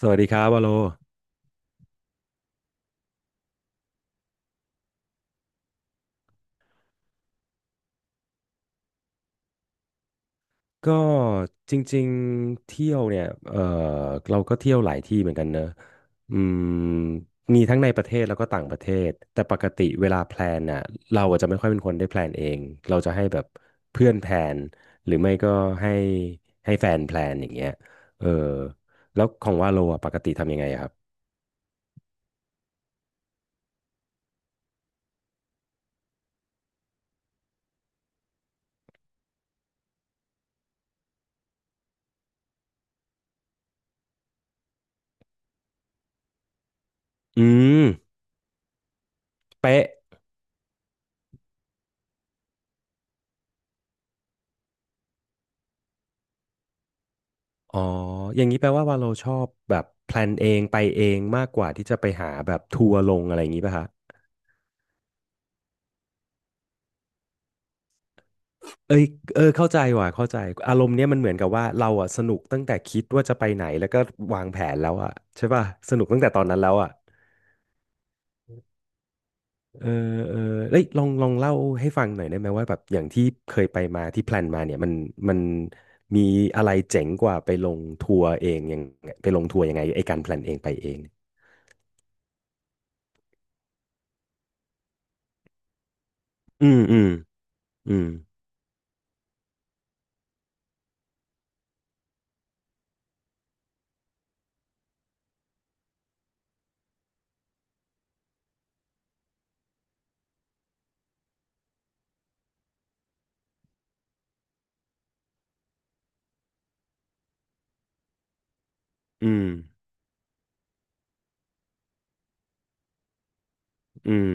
สวัสดีครับวาโลก็จริงๆเที่ยวเนี่ยเราก็เที่ยวหลายที่เหมือนกันเนอะอืมมีทั้งในประเทศแล้วก็ต่างประเทศแต่ปกติเวลาแพลนน่ะเราอาจจะไม่ค่อยเป็นคนได้แพลนเองเราจะให้แบบเพื่อนแพลนหรือไม่ก็ให้ให้แฟนแพลนอย่างเงี้ยเออแล้วของวาโลอ่ะปกติทำยังไงอะครับอืมเป๊ะอ๋ออย่างนี้แปลว่าวาโลชอบแบบแพลนเองไปเองมากกว่าที่จะไปหาแบบทัวร์ลงอะไรอย่างนี้ป่ะฮะ เอ้ยเออเข้าใจว่ะเข้าใจอารมณ์เนี้ยมันเหมือนกับว่าเราอ่ะสนุกตั้งแต่คิดว่าจะไปไหนแล้วก็วางแผนแล้วอ่ะใช่ป่ะสนุกตั้งแต่ตอนนั้นแล้วอ่ะเออเออเอ้ยลองเล่าให้ฟังหน่อยได้ไหมว่าแบบอย่างที่เคยไปมาที่แพลนมาเนี่ยมันมีอะไรเจ๋งกว่าไปลงทัวร์เองยังไปลงทัวร์ยังไงไอ้การแพลนเองไปเองอืมอืมอืมอืมอืม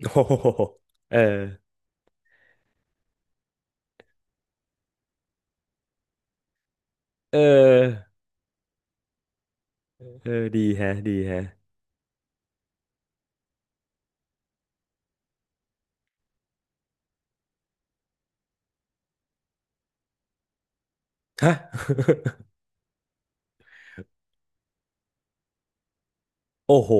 โอ้โหเออเออเออดีแฮะดีแฮะฮะ โอ้โห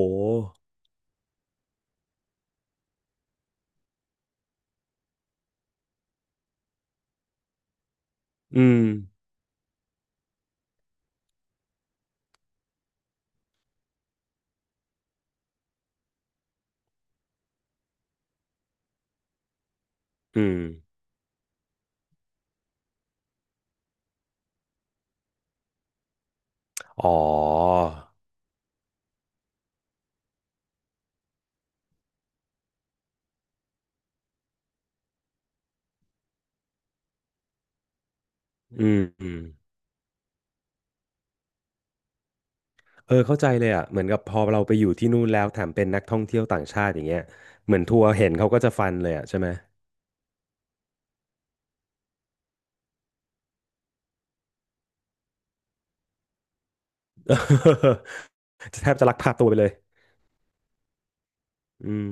อืมอืมอ๋ออืมอืมเออเข้าใจเลยอ่ะเหมือนกับพอเราไปอยู่ที่นู่นแล้วแถมเป็นนักท่องเที่ยวต่างชาติอย่างเงี้ยเหมือนทัวร์เห็นเขาก็จะฟันเลยอ่ะใช่ไหม จะแทบจะลักพาตัวไปเลยอืม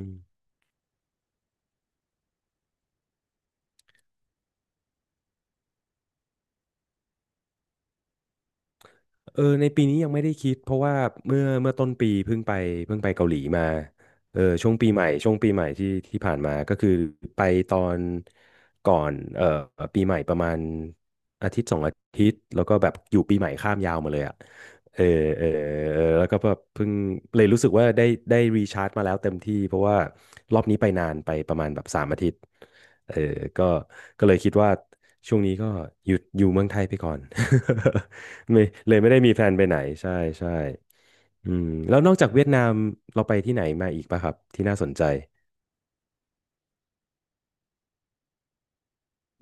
เออในปีนี้ยังไม่ได้คิดเพราะว่าเมื่อต้นปีเพิ่งไปเกาหลีมาเออช่วงปีใหม่ที่ที่ผ่านมาก็คือไปตอนก่อนปีใหม่ประมาณอาทิตย์สองอาทิตย์แล้วก็แบบอยู่ปีใหม่ข้ามยาวมาเลยอ่ะ เออเออเออแล้วก็แบบเพิ่งเลยรู้สึกว่าได้รีชาร์จมาแล้วเต็มที่เพราะว่ารอบนี้ไปนานไปประมาณแบบสามอาทิตย์เออก็ก็เลยคิดว่าช่วงนี้ก็หยุดอยู่เมืองไทยไปก่อน ไม่เลยไม่ได้มีแพลนไปไหนใช่ใช่อืมแล้วนอกจากเวียดนามเราไปที่ไหนมาอีกป่ะครับที่น่าสนใจ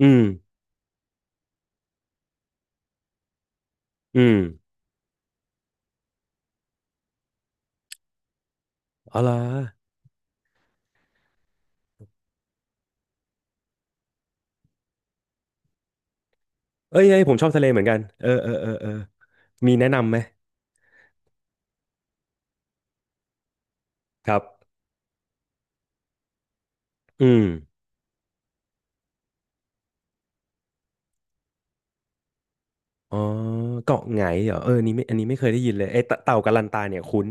อืมอืมอ๋อเหรอเอ้ยเอ้ยผมชอบทะเลเหมือนกันเออเออเออเออมีแนะนำไหมครับอืม อ๋อเกาะไหงเหรอเออนี่ไม่อันนี้ไม่เคยได้ยินเลยไอ้เตเต่ากัลลันตาเนี่ยคุ้น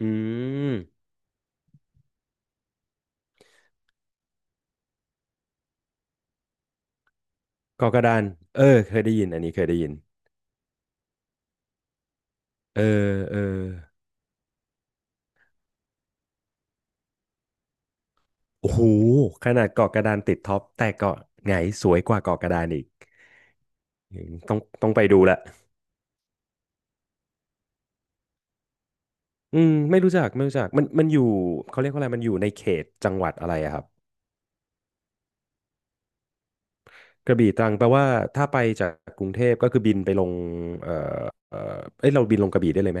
อืมเกาะกระดานเออเคยได้ยินอันนี้เคยได้ยินเออเออโอ้โหขนาดเกาะกระดานติดท็อปแต่เกาะไหงสวยกว่าเกาะกระดานอีกต้องไปดูละอืมไม่รู้จักมันอยู่เขาเรียกว่าอะไรมันอยู่ในเขตจังหวัดอะไรอะครับกระบี่ตรังแปลว่าถ้าไปจากกรุงเทพก็คือบินไปลงเออเออเอ้ยเราบินลงกระบี่ได้เลยไหม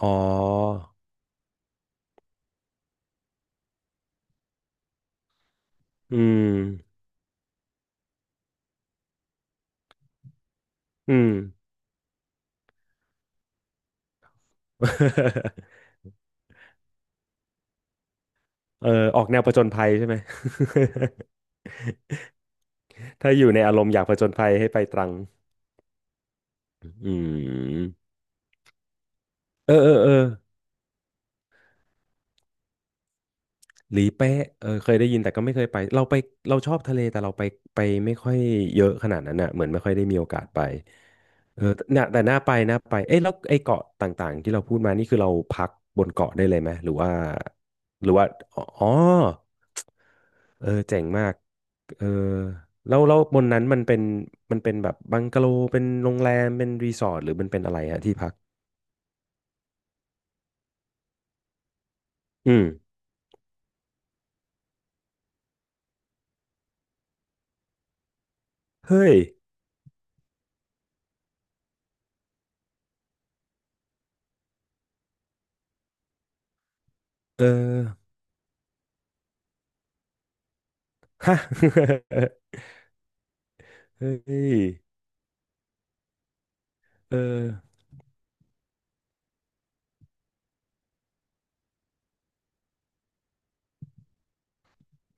อ๋ออืมอืม เออออกแนวผจญภัยใช่ไหม ถ้าอยู่ในอารมณ์อยากผจญภัยให้ไปตรังอืมเออเออเออหลีเป๊ะเออเคยได้ยินแต่ก็ไม่เคยไปเราไปเราชอบทะเลแต่เราไปไปไม่ค่อยเยอะขนาดนั้นอ่ะเหมือนไม่ค่อยได้มีโอกาสไปเออน่ะแต่น่าไปเอ้ยแล้วไอ้เกาะต่างๆที่เราพูดมานี่คือเราพักบนเกาะได้เลยไหมหรือว่าหรือว่าอ๋อ เออเจ๋งมากเออแล้วบนนั้นมันเป็นมันเป็นแบบบังกะโลเป็นโรงแรมเป็นรีสอร์ทหรือมันเป็นอะไรฮะที่พักอืมเฮ้ยเออฮะ เฮ้ยเออ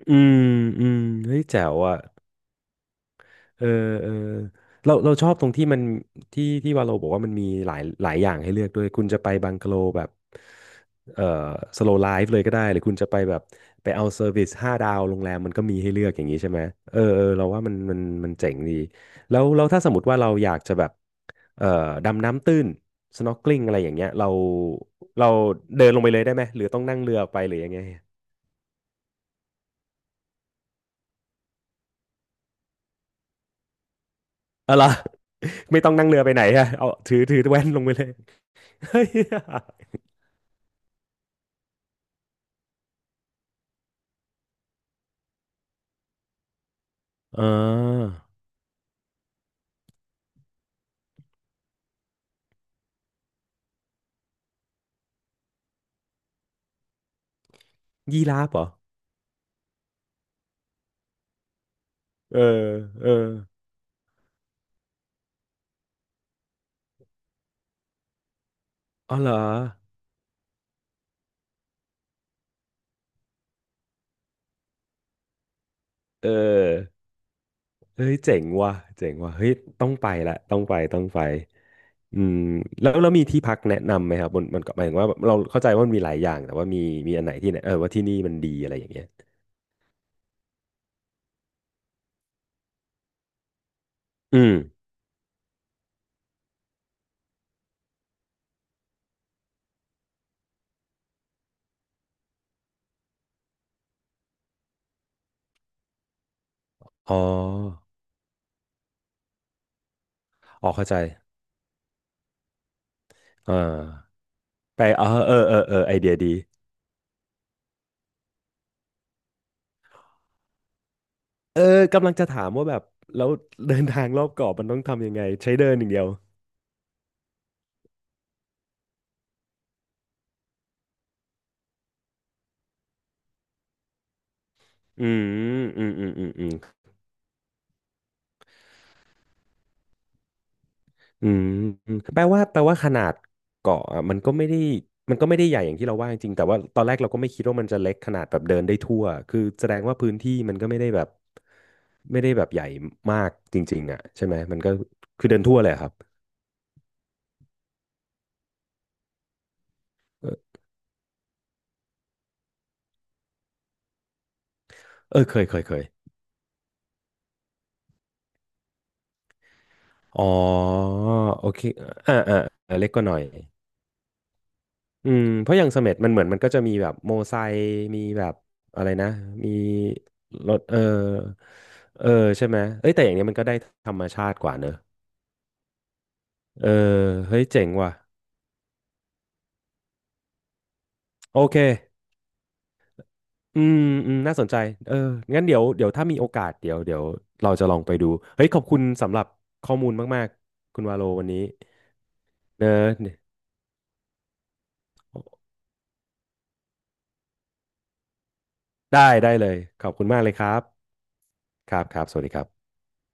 อืมอืมเฮ้ยแจ๋วอ่ะ เออเออเราเราชอบตรงที่มันที่ที่วาโลบอกว่ามันมีหลายหลายอย่างให้เลือกด้วยคุณจะไปบังกะโลแบบเออสโลว์ไลฟ์เลยก็ได้หรือคุณจะไปแบบไปเอาเซอร์วิสห้าดาวโรงแรมมันก็มีให้เลือกอย่างนี้ใช่ไหมเออเออเราว่ามันมันเจ๋งดีแล้วถ้าสมมติว่าเราอยากจะแบบเอ่อดำน้ำตื้น snorkeling อกลิ่งอะไรอย่างเงี้ยเราเราเดินลงไปเลยได้ไหมหรือต้องนั่งเรือไปหรือยังไงเอะไรอ ไม่ต้องนั่งเรือไปไหนฮะเอาถือแว่นลงไปเลย อ่ายีราฟเหรอ เออ เอออ๋อเหรอเออเฮ้ยเจ๋งว่ะเฮ้ยต้องไปละต้องไปต้องไปอืมแล้วมีที่พักแนะนำไหมครับมันก็หมายถึงว่าแบบเราเข้าใจว่ามันมีหลายอย่างแต่ว่ามีมีอันไหนที่เนี่ยเออว่าที่นี่มันดีอะไรอย่างเงี้ยอืมอ๋ออ๋อเข้าใจ อ่าไปอ๋อเออเออเออไอเดียดี เออกำลังจะถามว่าแบบแล้ว เดินทางรอบเกาะมันต้องทำยังไงใช้เดินอย่างเดียวอืมอืมอืมอืมอืม อืมอืมแปลว่าแปลว่าขนาดเกาะอะมันก็ไม่ได้มันก็ไม่ได้ใหญ่อย่างที่เราว่าจริงๆแต่ว่าตอนแรกเราก็ไม่คิดว่ามันจะเล็กขนาดแบบเดินได้ทั่วคือแสดงว่าพื้นที่มันก็ไม่ได้แบบไม่ได้แบบใหญ่มากจริงๆอ่ะใช่ไหมมันก็คือเดินทั่วเลยอะครับเออเออเคยอ๋อโอเคอ่าอ่าอ่าเล็กกว่าหน่อย อืมเพราะอย่างเสม็ดมันเหมือนมันก็จะมีแบบโมไซค์มีแบบอะไรนะมีรถเออเออใช่ไหมเอ้ยแต่อย่างเนี้ยมันก็ได้ธรรมชาติกว่าเนอะเออเฮ้ยเจ๋งว่ะโอเคอืมอืมน่าสนใจเอองั้นเดี๋ยวถ้ามีโอกาสเดี๋ยวเราจะลองไปดูเฮ้ยขอบคุณสำหรับข้อมูลมากๆคุณวาโลวันนี้เนอะได้ได้เลยขอบคุณมากเลยครับครับครับสวัสดีครับ